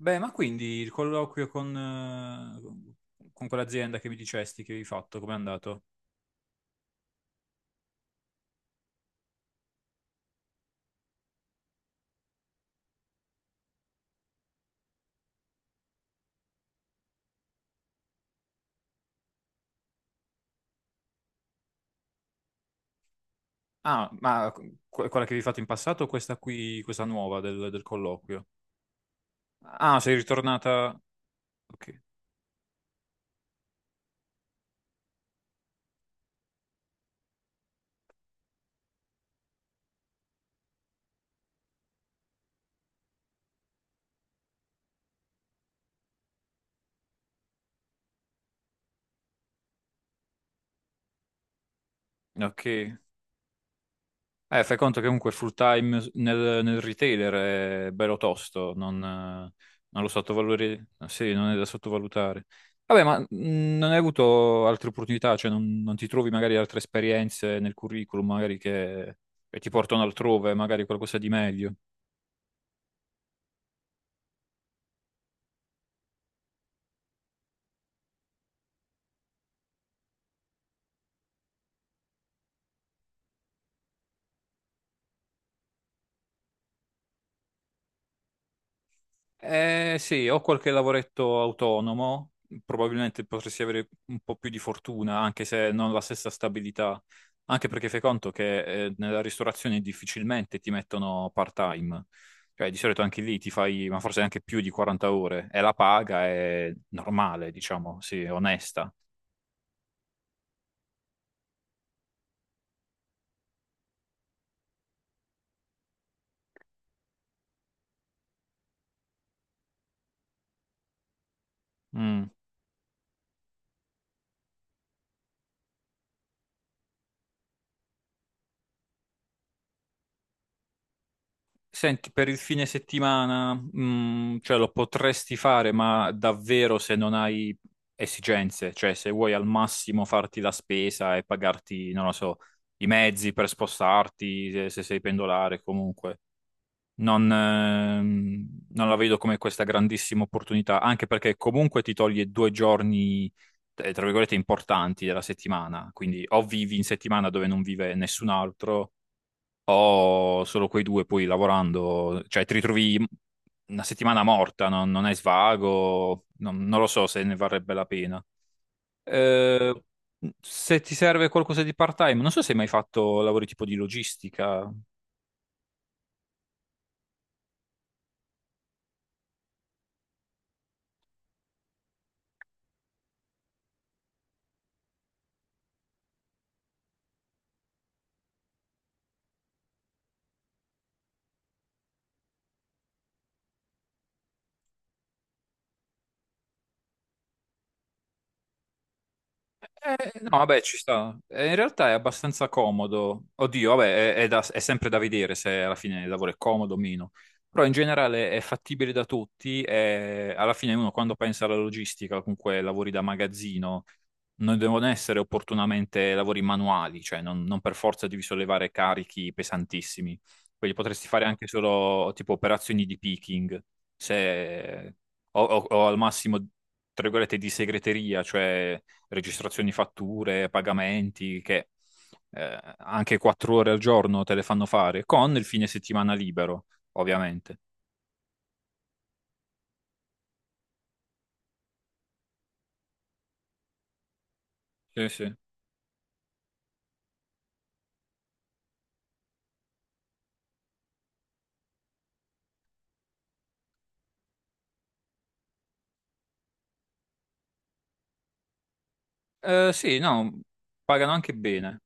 Beh, ma quindi il colloquio con quell'azienda che mi dicesti che avevi fatto, com'è andato? Ah, ma que- Quella che avevi fatto in passato o questa qui, questa nuova del colloquio? Ah, sei ritornata. Ok. Ok. Fai conto che comunque full time nel retailer è bello tosto, non lo sottovalutare, sì, non è da sottovalutare. Vabbè, ma non hai avuto altre opportunità, cioè non ti trovi magari altre esperienze nel curriculum, magari che ti portano altrove, magari qualcosa di meglio. Sì, ho qualche lavoretto autonomo, probabilmente potresti avere un po' più di fortuna, anche se non la stessa stabilità, anche perché fai conto che nella ristorazione difficilmente ti mettono part-time, cioè di solito anche lì ti fai, ma forse anche più di 40 ore, e la paga è normale, diciamo, sì, onesta. Mm. Senti, per il fine settimana, mm, cioè lo potresti fare, ma davvero se non hai esigenze, cioè se vuoi al massimo farti la spesa e pagarti, non lo so, i mezzi per spostarti, se sei pendolare, comunque. Non la vedo come questa grandissima opportunità, anche perché comunque ti toglie due giorni, tra virgolette, importanti della settimana. Quindi o vivi in settimana dove non vive nessun altro ho solo quei due, poi lavorando, cioè ti ritrovi una settimana morta, non hai svago, non lo so se ne varrebbe la pena. Eh, se ti serve qualcosa di part-time, non so se hai mai fatto lavori tipo di logistica. No, vabbè, ci sta. In realtà è abbastanza comodo. Oddio, vabbè, è è sempre da vedere se alla fine il lavoro è comodo o meno. Però in generale è fattibile da tutti e alla fine uno quando pensa alla logistica, comunque lavori da magazzino, non devono essere opportunamente lavori manuali, cioè non per forza devi sollevare carichi pesantissimi. Quelli potresti fare anche solo tipo operazioni di picking, se- o al massimo, tra virgolette, di segreteria, cioè registrazioni fatture, pagamenti, che anche 4 ore al giorno te le fanno fare, con il fine settimana libero, ovviamente. Sì, sì. Sì, no, pagano anche bene.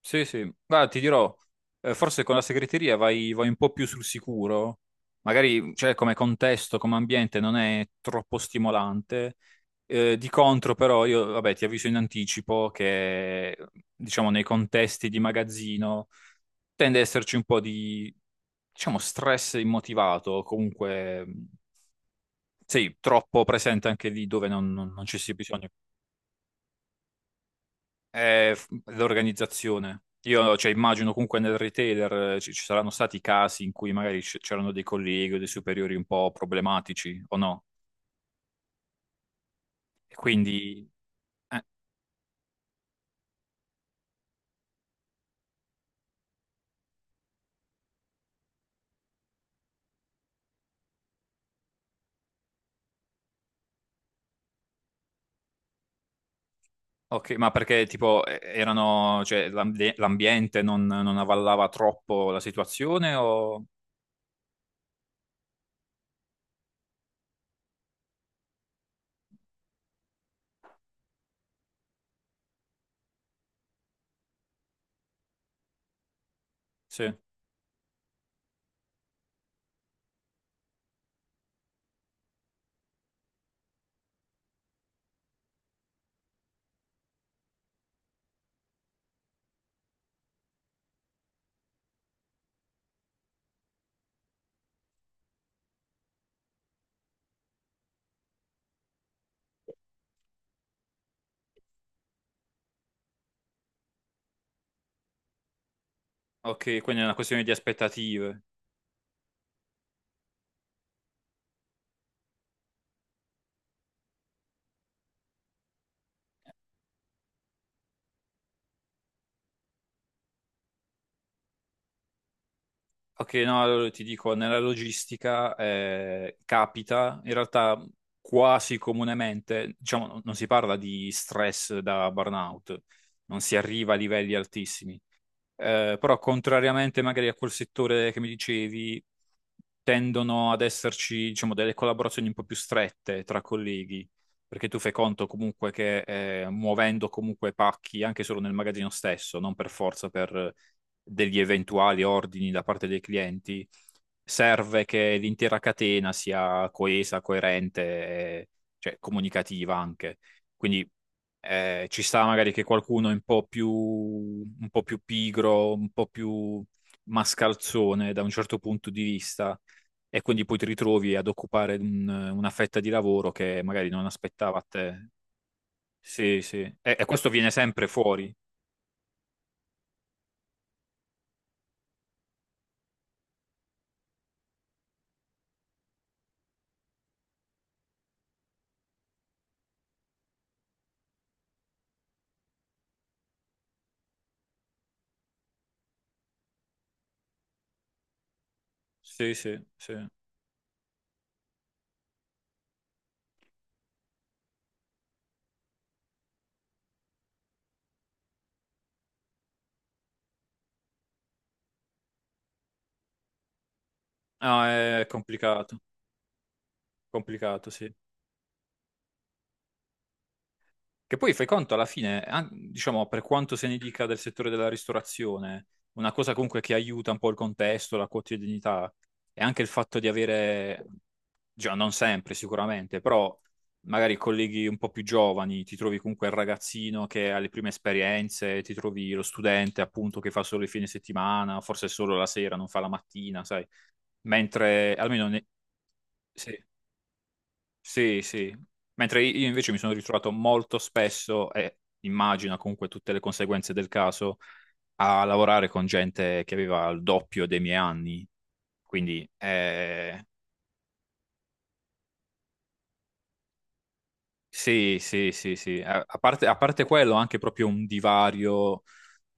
Sì, sì. Guarda, ti dirò, forse con la segreteria vai, vai un po' più sul sicuro. Magari, cioè, come contesto, come ambiente non è troppo stimolante. Di contro, però, io, vabbè, ti avviso in anticipo che, diciamo, nei contesti di magazzino tende ad esserci un po' di, diciamo, stress immotivato, comunque, sì, troppo presente anche lì dove non ci sia bisogno. È l'organizzazione. Io, cioè, immagino comunque nel retailer ci saranno stati casi in cui magari c'erano dei colleghi o dei superiori un po' problematici, o no? E quindi... eh, ok, ma perché tipo erano, cioè, l'ambiente non avvallava troppo la situazione o... Sì, ok, quindi è una questione di aspettative. Ok, no, allora ti dico, nella logistica capita in realtà quasi comunemente, diciamo, non si parla di stress da burnout, non si arriva a livelli altissimi, però contrariamente magari a quel settore che mi dicevi, tendono ad esserci, diciamo, delle collaborazioni un po' più strette tra colleghi, perché tu fai conto comunque che muovendo comunque pacchi anche solo nel magazzino stesso, non per forza per degli eventuali ordini da parte dei clienti, serve che l'intera catena sia coesa, coerente, e, cioè comunicativa anche. Quindi ci sta magari che qualcuno è un po' più pigro, un po' più mascalzone da un certo punto di vista, e quindi poi ti ritrovi ad occupare una fetta di lavoro che magari non aspettava a te. Sì, sì. E questo viene sempre fuori. Sì, sì, sì. No, è complicato, complicato, sì. Che poi fai conto alla fine, diciamo, per quanto se ne dica del settore della ristorazione, una cosa comunque che aiuta un po' il contesto, la quotidianità, e anche il fatto di avere, già non sempre sicuramente, però magari colleghi un po' più giovani, ti trovi comunque il ragazzino che ha le prime esperienze, ti trovi lo studente appunto che fa solo il fine settimana, forse solo la sera, non fa la mattina, sai? Mentre almeno sì. Sì, sì. Mentre io invece mi sono ritrovato molto spesso, e immagino comunque tutte le conseguenze del caso, a lavorare con gente che aveva il doppio dei miei anni. Quindi, sì, sì, sì, sì. A parte, a parte quello, anche proprio un divario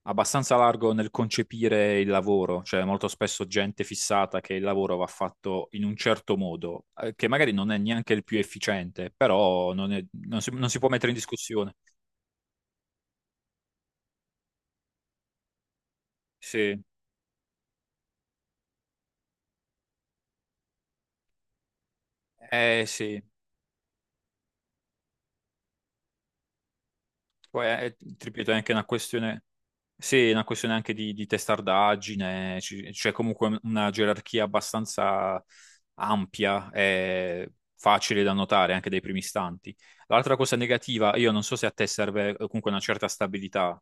abbastanza largo nel concepire il lavoro. Cioè, molto spesso gente fissata che il lavoro va fatto in un certo modo, che magari non è neanche il più efficiente, però non si può mettere in discussione. Sì. Eh sì, poi è, ti ripeto, è anche una questione, sì, è una questione anche di testardaggine, c'è comunque una gerarchia abbastanza ampia e facile da notare anche dai primi istanti. L'altra cosa negativa, io non so se a te serve comunque una certa stabilità.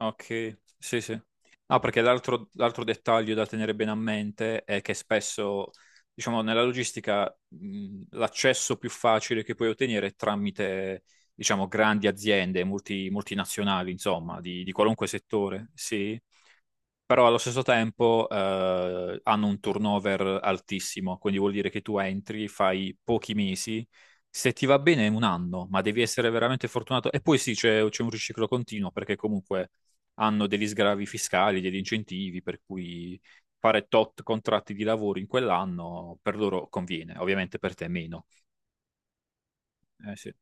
Ok, sì, sì. Ah, perché l'altro dettaglio da tenere bene a mente è che spesso, diciamo, nella logistica, l'accesso più facile che puoi ottenere è tramite, diciamo, grandi aziende, multinazionali, insomma, di qualunque settore, sì. Però allo stesso tempo hanno un turnover altissimo, quindi vuol dire che tu entri, fai pochi mesi, se ti va bene è un anno, ma devi essere veramente fortunato. E poi sì, c'è un riciclo continuo, perché comunque hanno degli sgravi fiscali, degli incentivi, per cui fare tot contratti di lavoro in quell'anno per loro conviene, ovviamente per te meno. Eh sì,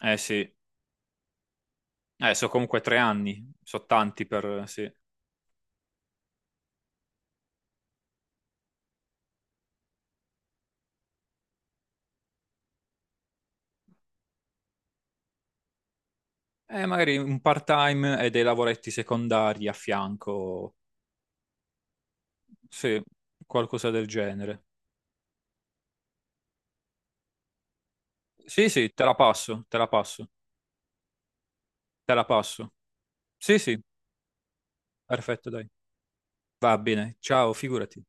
eh sì. So comunque 3 anni, so tanti per... Sì. Magari un part-time e dei lavoretti secondari a fianco, sì, qualcosa del genere. Sì, sì, te la passo, te la passo, te la passo. Sì, sì, perfetto, dai. Va bene, ciao, figurati.